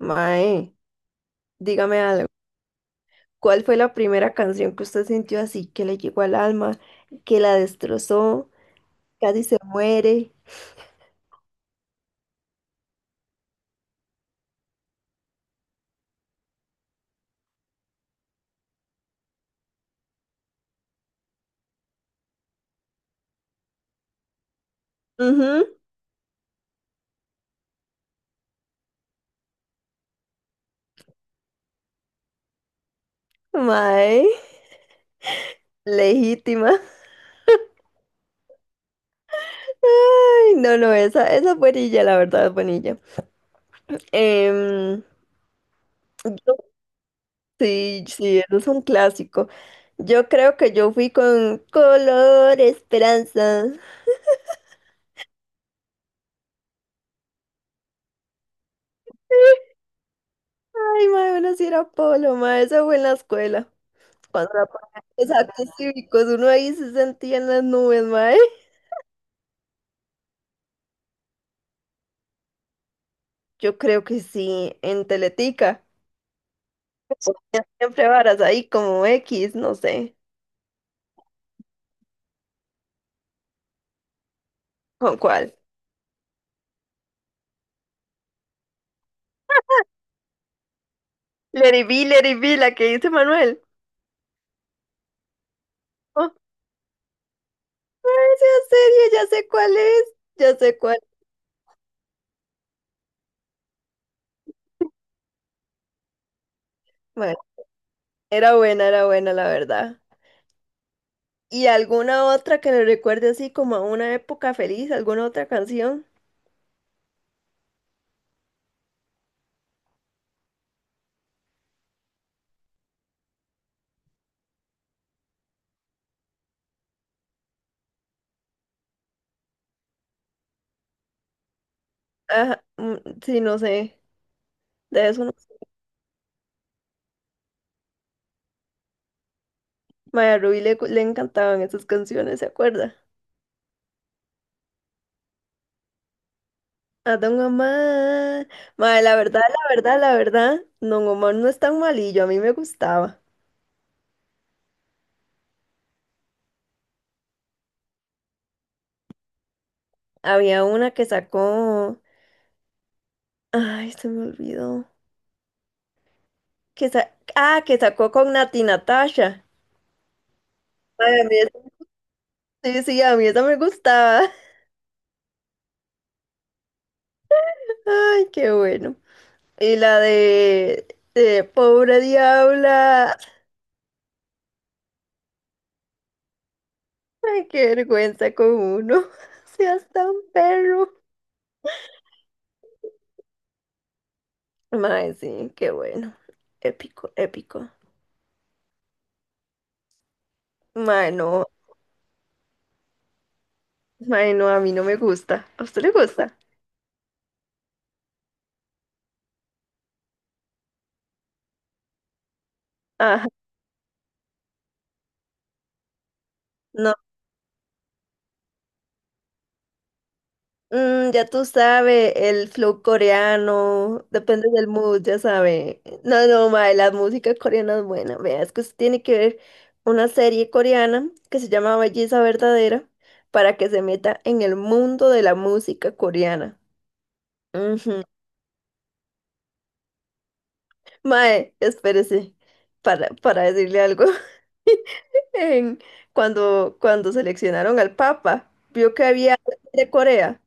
Mae, dígame algo. ¿Cuál fue la primera canción que usted sintió así que le llegó al alma, que la destrozó, casi se muere? Ujú. Mae, legítima. Ay, no, no, esa es buenilla, la verdad, es buenilla. Em, yo- sí, sí, eso es un clásico. Yo creo que yo fui con Color Esperanza. Ay, mae, bueno, si era Polo, mae, eso fue en la escuela. Cuando la ponían en los actos cívicos, uno ahí se sentía en las nubes, mae. Yo creo que sí, en Teletica. O siempre varas ahí como X, no sé. ¿Con cuál? Lady B, Lady B, la que dice Manuel. Oh, esa serie, ya sé cuál es, ya sé cuál. Bueno, era buena, la verdad. ¿Y alguna otra que le recuerde así como a una época feliz? ¿Alguna otra canción? Ajá, mm, sí, no sé, de eso no sé. Mae, a Rubí le encantaban esas canciones, ¿se acuerda? A Don Omar. Mae, la verdad, la verdad, la verdad, Don Omar no es tan malillo, a mí me gustaba. Había una que sacó. Ay, se me olvidó. Ah, que sacó con Nati Natasha. Mae, a mí esa- Sí, sí, a mí esa me gustaba. Ay, qué bueno. Y la de Pobre Diabla. Ay, qué vergüenza con uno. Seas tan perro. Mae, sí, qué bueno. Épico, épico. Mae, no. Ay, no, a mí no me gusta. ¿A usted le gusta? Ajá. No, ya tú sabes, el flow coreano, depende del mood, ya sabe. No, no, mae, la música coreana es buena. Vea, es que usted tiene que ver una serie coreana que se llama Belleza Verdadera para que se meta en el mundo de la música coreana. Ujú. Mae, espérese para decirle algo. En- cuando seleccionaron al Papa, vio que había alguien de Corea.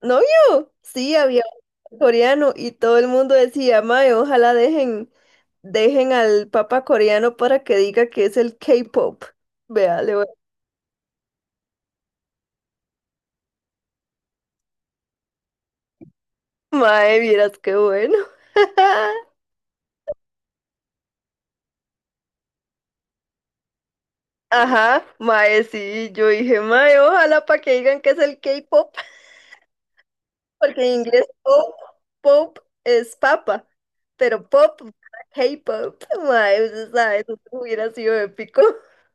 ¿No vio? Sí, había un coreano y todo el mundo decía, mae, ojalá dejen, dejen al papa coreano para que diga que es el K-pop. Vea, le voy a- Mae, vieras qué bueno. Ajá, mae, sí, yo dije, mae, ojalá para que digan que es el K-pop, porque en inglés pop, pop es papa, pero pop, K-pop, mae, usted sabe, eso hubiera sido épico.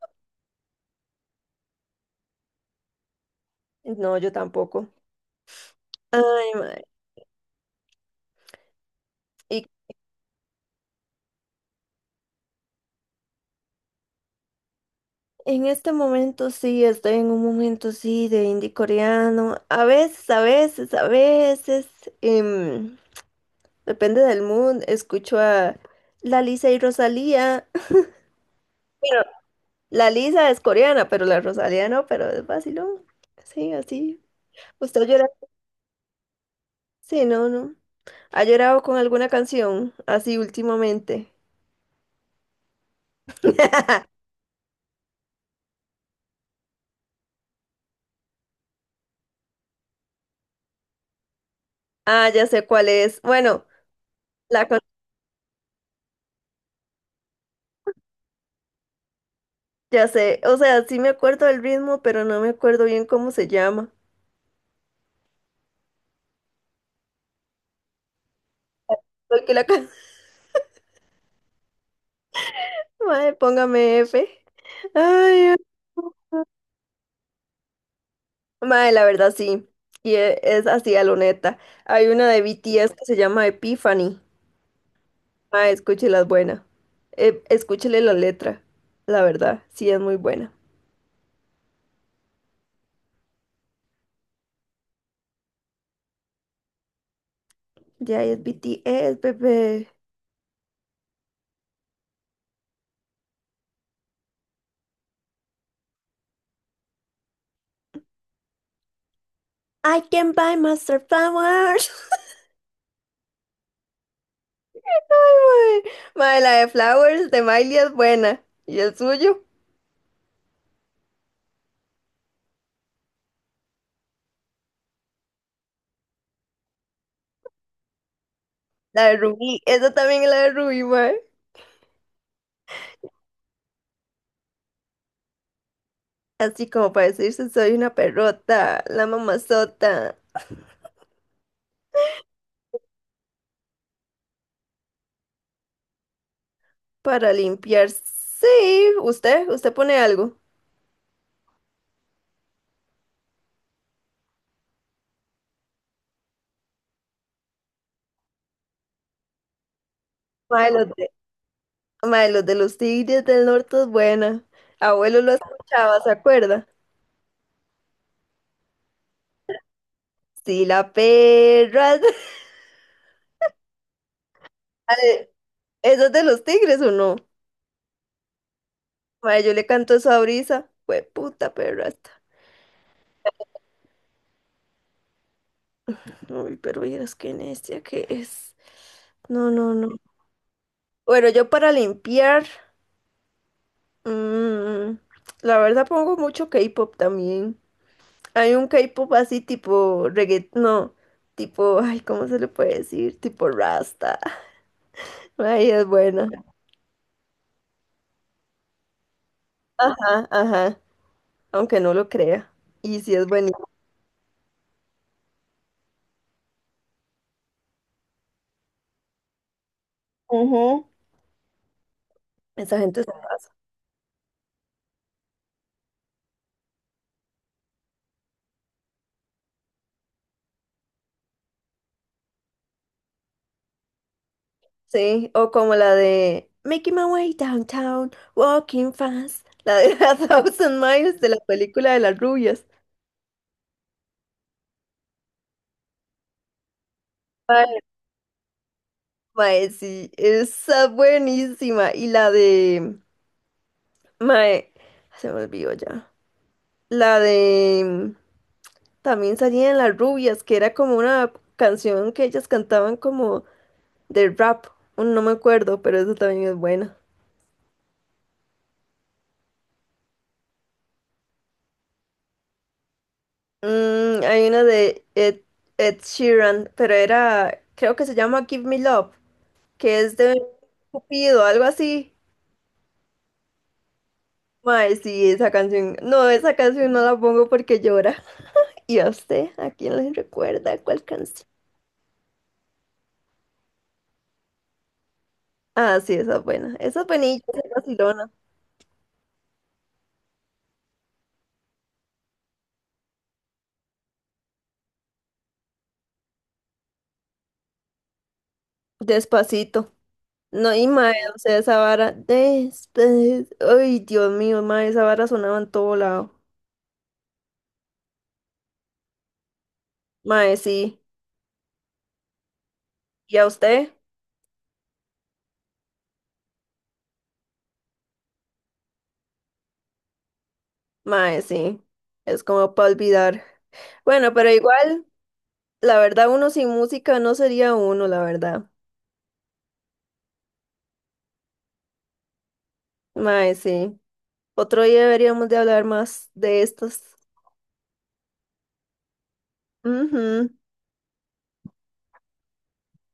No, yo tampoco. Ay, mae. ¿Y En este momento sí, estoy en un momento sí de indie coreano. A veces, em, depende del mood, escucho a la Lisa y Rosalía. Pero la Lisa es coreana, pero la Rosalía no, pero es vacilón. Sí, así. ¿Usted ha llorado? Sí, no, no. ¿Ha llorado con alguna canción así últimamente? Ah, ya sé cuál es. Bueno, la can- ya sé. O sea, sí me acuerdo del ritmo, pero no me acuerdo bien cómo se llama. Porque la can- Mae, póngame F. Ay, mae, la verdad sí. Es así a lo neta. Hay una de BTS que se llama Epiphany. Mae, escúchela, es buena. Escúchele la letra. La verdad, sí es muy buena. Ya es BTS, bebé. I can buy Master Flowers. Ay, mae. Mae, la de Flowers de Miley es buena. ¿Y el suyo? La de Rubí. Esa también es la de Rubí, mae. Así como para decirse, soy una perrota, la mamazota. Para limpiar, sí, usted pone algo. Mae, los de, mae, los de los tigres del norte es buena. Abuelo lo escuchaba, ¿se acuerda? Sí, la perra. Mae, ¿eso es de los tigres o no? Mae, yo le canto eso a Brisa. Fue puta perra esta. Uy, pero miras qué necia que es. No, no, no. Bueno, yo para limpiar, mm, la verdad pongo mucho K-pop también. Hay un K-pop así tipo reggaetón, no, tipo, ay, ¿cómo se le puede decir? Tipo Rasta. Ay, es buena. Ajá, ajá, aunque no lo crea. Y sí es buenísimo. Ujú. Esa gente, es- sí, o como la de Making My Way Downtown, Walking Fast, la de A Thousand Miles de la película de las rubias. Mae, mae, sí, esa es buenísima. Mae, se me olvidó ya. La de También salían Las Rubias, que era como una canción que ellas cantaban como de rap. No me acuerdo, pero eso también es buena. Mm, hay una de Ed Sheeran, pero era, creo que se llama Give Me Love, que es de Cupido, algo así. Mae, sí, esa canción. No, esa canción no la pongo porque llora. ¿Y a usted? ¿A quién le recuerda cuál canción? Ah, sí, esa es buena. Esa es buenilla, esa es vacilona. Despacito. No, y mae, o sea, esa vara. Ay, Dios mío, mae, esa vara sonaba en todo lado. Mae, sí. ¿Y a usted? Mae, sí. Es como para olvidar. Bueno, pero igual, la verdad, uno sin música no sería uno, la verdad. Mae, sí. Otro día deberíamos de hablar más de estas. Ujú.